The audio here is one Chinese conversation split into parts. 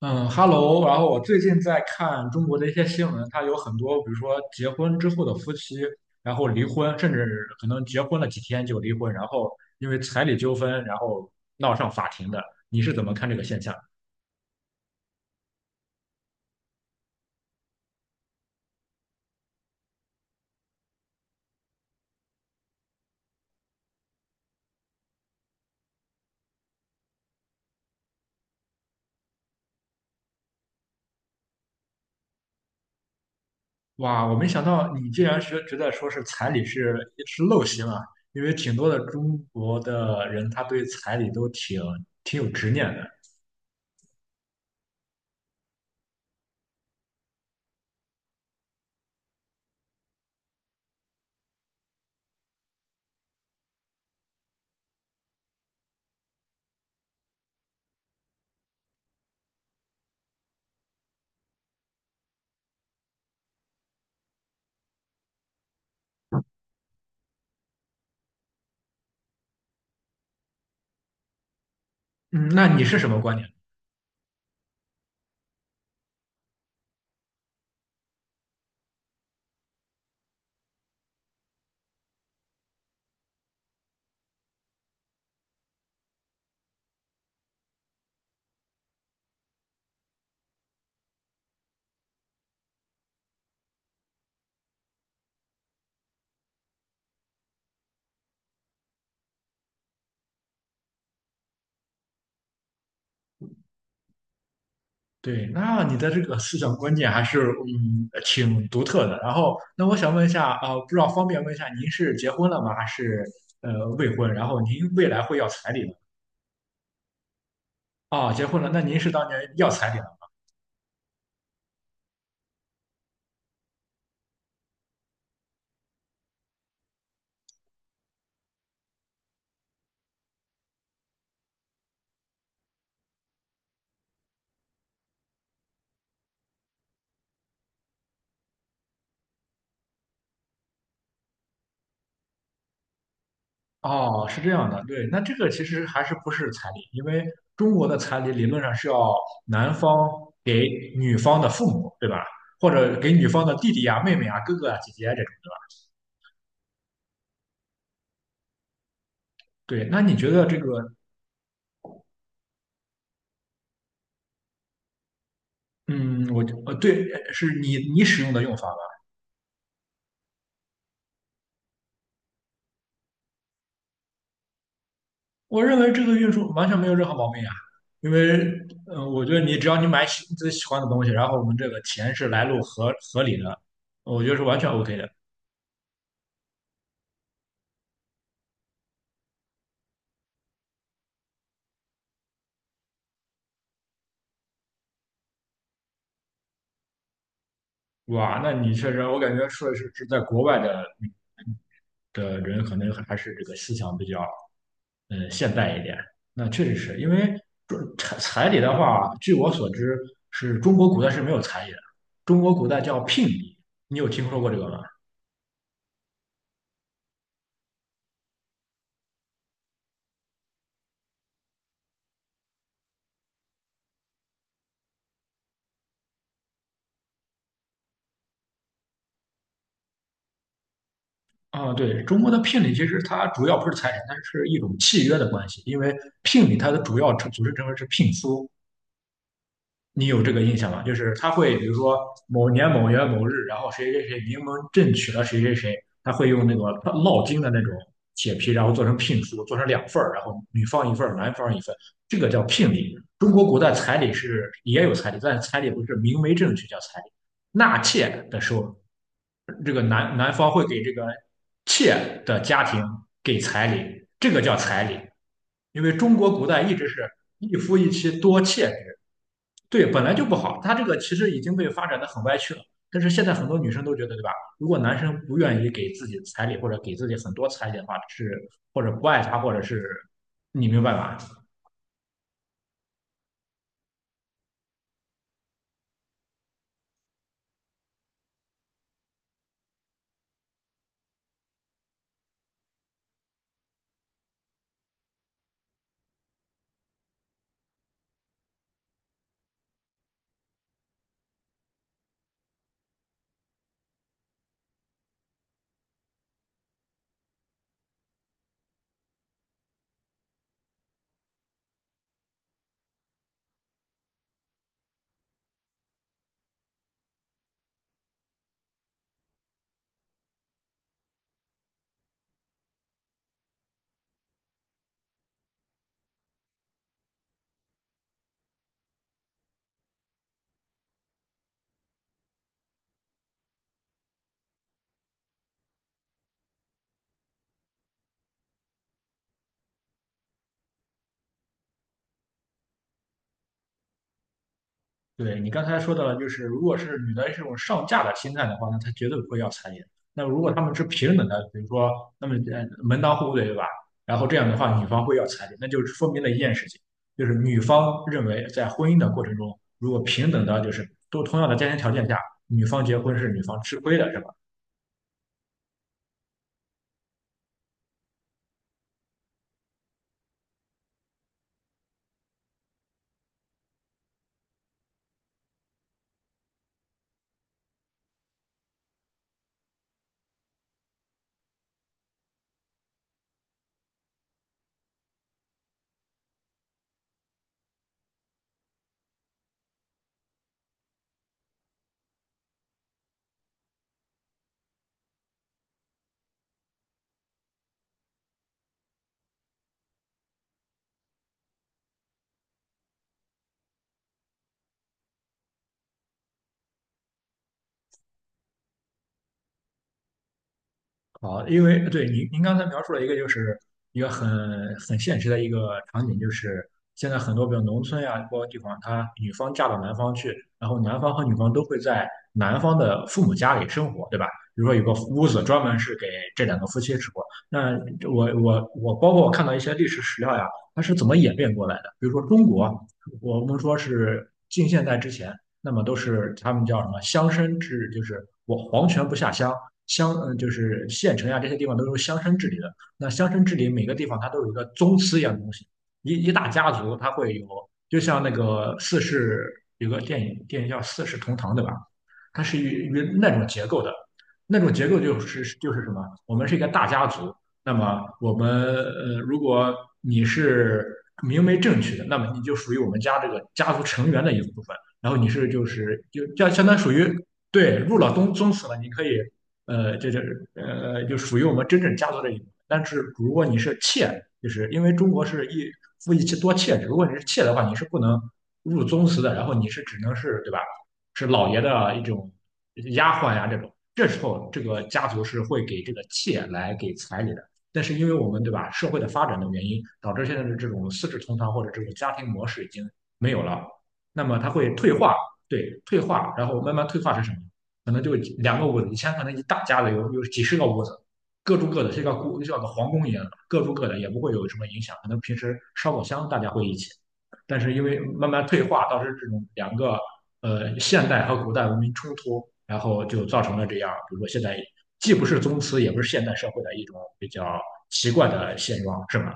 嗯，Hello，然后我最近在看中国的一些新闻，它有很多，比如说结婚之后的夫妻，然后离婚，甚至可能结婚了几天就离婚，然后因为彩礼纠纷，然后闹上法庭的。你是怎么看这个现象？哇，我没想到你竟然是觉得说是彩礼是陋习嘛，因为挺多的中国的人他对彩礼都挺有执念的。嗯，那你是什么观点？对，那你的这个思想观念还是挺独特的。然后，那我想问一下啊、不知道方便问一下，您是结婚了吗？还是未婚？然后您未来会要彩礼吗？啊，结婚了，那您是当年要彩礼了？哦，是这样的，对，那这个其实还是不是彩礼，因为中国的彩礼理论上是要男方给女方的父母，对吧？或者给女方的弟弟呀、妹妹啊、哥哥啊、姐姐啊这种的。对，那你觉得这个，嗯，我，对，是你使用的用法吗。我认为这个运输完全没有任何毛病啊，因为，嗯、我觉得你只要你买喜自己喜欢的东西，然后我们这个钱是来路合理的，我觉得是完全 OK 的。哇，那你确实，我感觉说是是在国外的人，可能还是这个思想比较，嗯、现代一点。那确实是因为中彩礼的话，据我所知，是中国古代是没有彩礼的，中国古代叫聘礼，你有听说过这个吗？啊，对，中国的聘礼其实它主要不是财产，它是一种契约的关系。因为聘礼它的主要组成成分是聘书，你有这个印象吗？就是他会比如说某年某月某日，然后谁谁谁名门正娶了谁谁谁，他会用那个烙金的那种铁皮，然后做成聘书，做成两份儿，然后女方一份儿，男方一份，这个叫聘礼。中国古代彩礼是也有彩礼，但是彩礼不是明媒正娶叫彩礼，纳妾的时候这个男方会给这个妾的家庭给彩礼，这个叫彩礼，因为中国古代一直是一夫一妻多妾制，对，本来就不好，它这个其实已经被发展的很歪曲了。但是现在很多女生都觉得，对吧？如果男生不愿意给自己彩礼，或者给自己很多彩礼的话，是或者不爱他，或者是你明白吧？对你刚才说到了，就是如果是女的这种上嫁的心态的话，那她绝对不会要彩礼。那如果他们是平等的，比如说，那么门当户对，对吧？然后这样的话，女方会要彩礼，那就说明了一件事情，就是女方认为在婚姻的过程中，如果平等的，就是都同样的家庭条件下，女方结婚是女方吃亏的，是吧？好，因为对您刚才描述了一个就是一个很现实的一个场景，就是现在很多比如农村呀，包括地方，他女方嫁到男方去，然后男方和女方都会在男方的父母家里生活，对吧？比如说有个屋子专门是给这两个夫妻住。那我包括我看到一些历史史料呀，它是怎么演变过来的？比如说中国，我们说是近现代之前。那么都是他们叫什么乡绅制，就是我皇权不下乡，乡就是县城呀这些地方都是乡绅治理的。那乡绅治理每个地方它都有一个宗祠一样的东西，一大家族它会有，就像那个四世有个电影叫《四世同堂》对吧？它是与那种结构的，那种结构就是什么？我们是一个大家族，那么我们如果你是。明媒正娶的，那么你就属于我们家这个家族成员的一部分。然后你是就是就这相当于属于对入了宗祠了，你可以呃这这呃就属于我们真正家族的一部分。但是如果你是妾，就是因为中国是一夫一妻多妾制，如果你是妾的话，你是不能入宗祠的，然后你是只能是对吧？是老爷的一种丫鬟呀、这种。这时候这个家族是会给这个妾来给彩礼的。但是因为我们对吧，社会的发展的原因，导致现在的这种四世同堂或者这种家庭模式已经没有了。那么它会退化，对，退化，然后慢慢退化成什么？可能就两个屋子，以前可能一大家子有几十个屋子，各住各的，这个故像个皇宫一样，各住各的，也不会有什么影响。可能平时烧烤香大家会一起，但是因为慢慢退化，导致这种两个现代和古代文明冲突，然后就造成了这样，比如说现在既不是宗祠，也不是现代社会的一种比较奇怪的现状，是吧？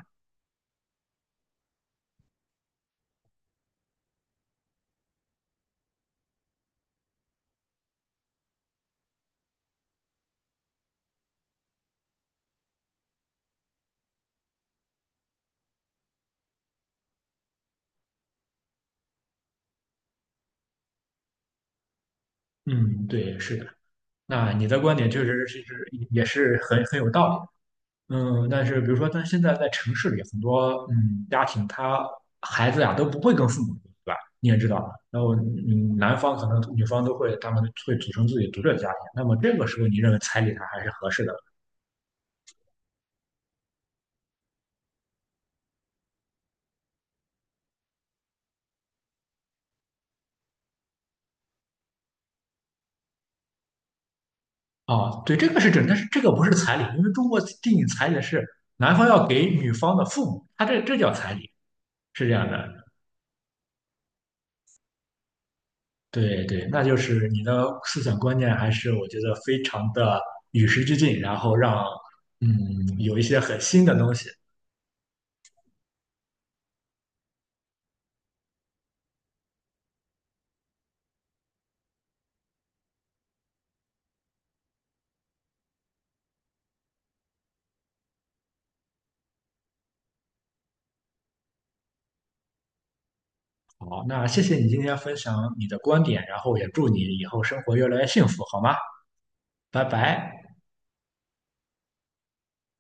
嗯，对，是的。那你的观点确实是也是很有道理。嗯，但是比如说，但现在在城市里，很多嗯家庭，他孩子呀都不会跟父母住，对吧？你也知道，然后嗯，男方可能女方都会，他们会组成自己独立的家庭。那么这个时候，你认为彩礼它还是合适的？啊，对，这个是准，但是这个不是彩礼，因为中国定义彩礼是男方要给女方的父母，他这叫彩礼，是这样的。对对，那就是你的思想观念还是我觉得非常的与时俱进，然后让嗯有一些很新的东西。好，那谢谢你今天分享你的观点，然后也祝你以后生活越来越幸福，好吗？拜拜。